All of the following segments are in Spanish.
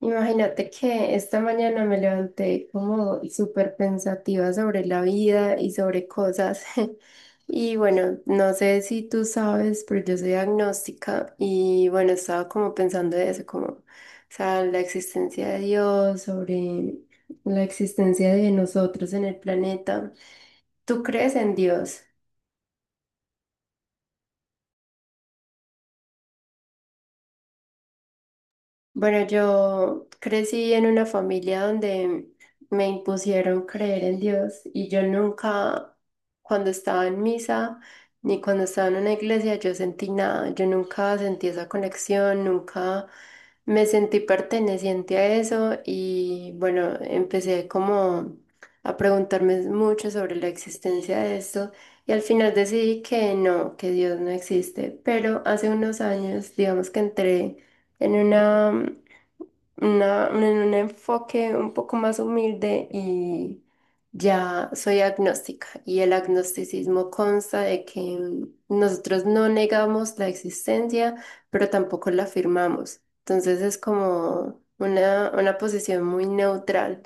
Imagínate que esta mañana me levanté como súper pensativa sobre la vida y sobre cosas. Y bueno, no sé si tú sabes, pero yo soy agnóstica y bueno, estaba como pensando de eso, como, o sea, la existencia de Dios, sobre la existencia de nosotros en el planeta. ¿Tú crees en Dios? Bueno, yo crecí en una familia donde me impusieron creer en Dios y yo nunca, cuando estaba en misa ni cuando estaba en una iglesia, yo sentí nada. Yo nunca sentí esa conexión, nunca me sentí perteneciente a eso y bueno, empecé como a preguntarme mucho sobre la existencia de esto y al final decidí que no, que Dios no existe. Pero hace unos años, digamos que entré en una en un enfoque un poco más humilde y ya soy agnóstica. Y el agnosticismo consta de que nosotros no negamos la existencia, pero tampoco la afirmamos. Entonces es como una posición muy neutral.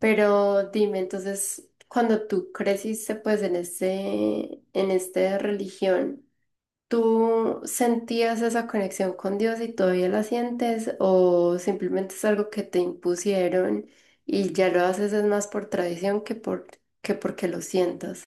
Pero dime, entonces, cuando tú creciste pues en en esta religión, ¿tú sentías esa conexión con Dios y todavía la sientes o simplemente es algo que te impusieron y ya lo haces es más por tradición que porque lo sientas?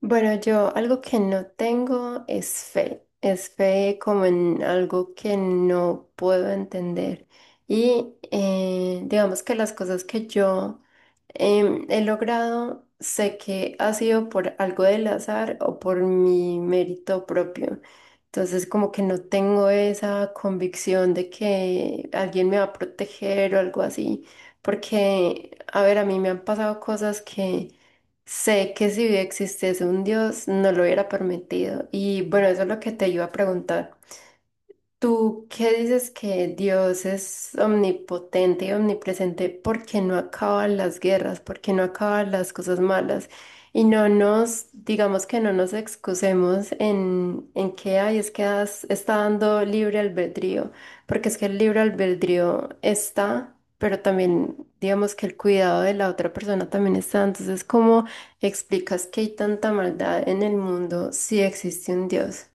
Bueno, yo algo que no tengo es fe. Es fe como en algo que no puedo entender. Y digamos que las cosas que yo he logrado, sé que ha sido por algo del azar o por mi mérito propio. Entonces, como que no tengo esa convicción de que alguien me va a proteger o algo así. Porque, a ver, a mí me han pasado cosas que sé que si existiese un Dios, no lo hubiera permitido. Y bueno, eso es lo que te iba a preguntar. Tú qué dices que Dios es omnipotente y omnipresente, ¿por qué no acaban las guerras? ¿Por qué no acaban las cosas malas? Y no nos, digamos que no nos excusemos en que hay, es que está dando libre albedrío, porque es que el libre albedrío está, pero también digamos que el cuidado de la otra persona también está. Entonces, ¿cómo explicas que hay tanta maldad en el mundo si existe un Dios?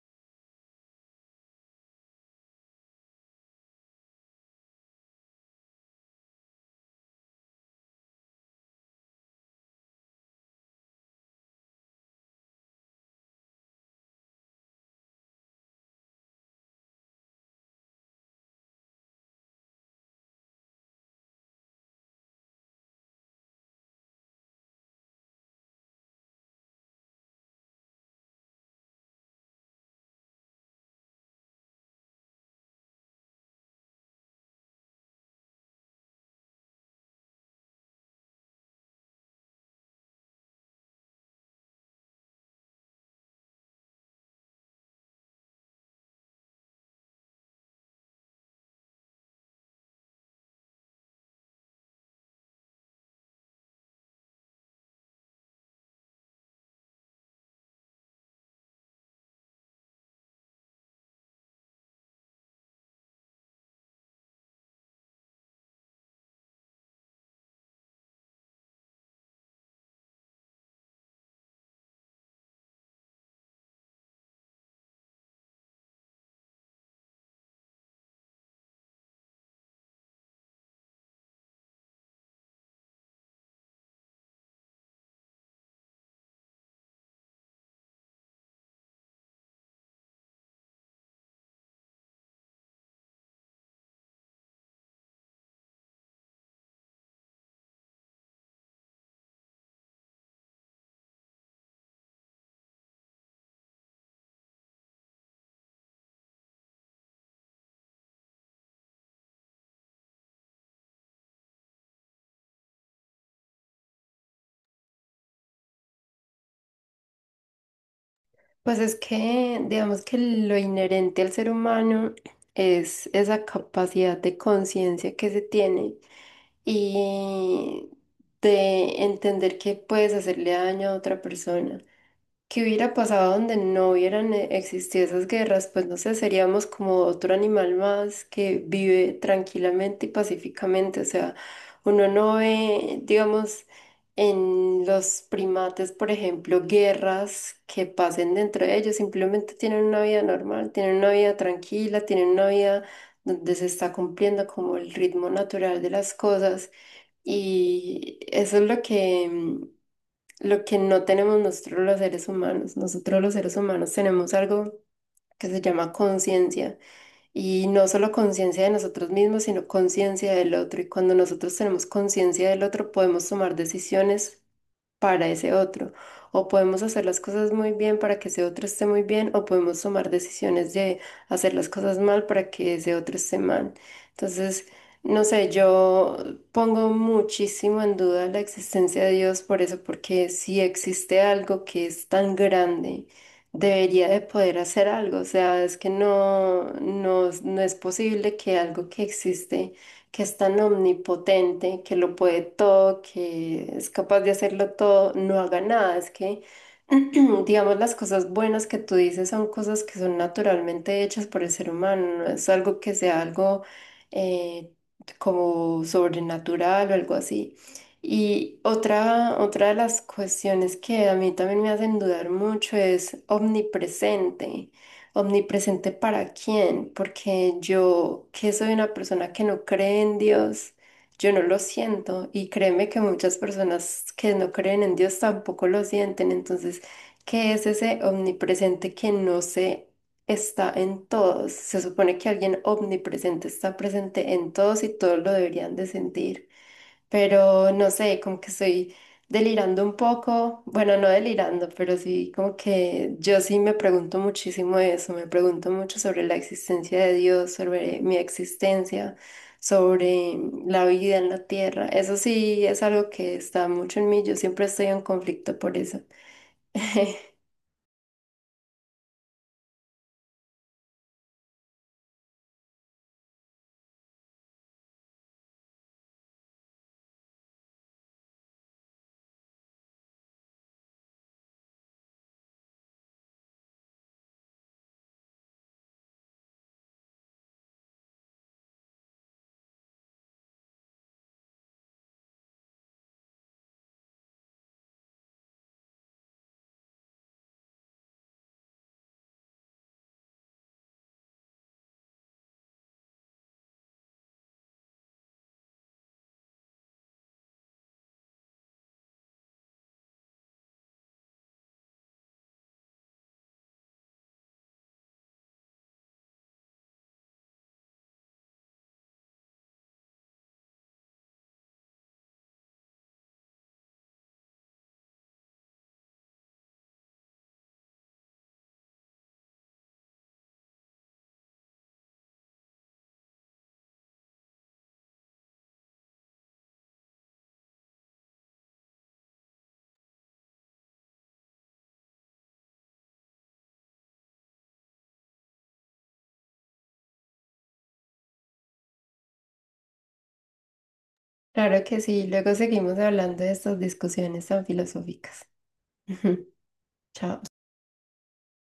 Pues es que, digamos que lo inherente al ser humano es esa capacidad de conciencia que se tiene y de entender que puedes hacerle daño a otra persona. ¿Qué hubiera pasado donde no hubieran existido esas guerras? Pues no sé, seríamos como otro animal más que vive tranquilamente y pacíficamente. O sea, uno no ve, digamos, en los primates, por ejemplo, guerras que pasen dentro de ellos. Simplemente tienen una vida normal, tienen una vida tranquila, tienen una vida donde se está cumpliendo como el ritmo natural de las cosas. Y eso es lo que no tenemos nosotros los seres humanos. Nosotros los seres humanos tenemos algo que se llama conciencia. Y no solo conciencia de nosotros mismos, sino conciencia del otro. Y cuando nosotros tenemos conciencia del otro, podemos tomar decisiones para ese otro. O podemos hacer las cosas muy bien para que ese otro esté muy bien, o podemos tomar decisiones de hacer las cosas mal para que ese otro esté mal. Entonces, no sé, yo pongo muchísimo en duda la existencia de Dios por eso, porque si existe algo que es tan grande, debería de poder hacer algo. O sea, es que no, no, no es posible que algo que existe que es tan omnipotente, que lo puede todo, que es capaz de hacerlo todo, no haga nada. Es que, digamos, las cosas buenas que tú dices son cosas que son naturalmente hechas por el ser humano, no es algo que sea algo eh, como sobrenatural o algo así. Y otra de las cuestiones que a mí también me hacen dudar mucho es omnipresente. ¿Omnipresente para quién? Porque yo, que soy una persona que no cree en Dios, yo no lo siento. Y créeme que muchas personas que no creen en Dios tampoco lo sienten. Entonces, ¿qué es ese omnipresente que no se está en todos? Se supone que alguien omnipresente está presente en todos y todos lo deberían de sentir. Pero no sé, como que soy delirando un poco, bueno, no delirando, pero sí como que yo sí me pregunto muchísimo eso, me pregunto mucho sobre la existencia de Dios, sobre mi existencia, sobre la vida en la tierra. Eso sí es algo que está mucho en mí, yo siempre estoy en conflicto por eso. Claro que sí, luego seguimos hablando de estas discusiones tan filosóficas. Chao.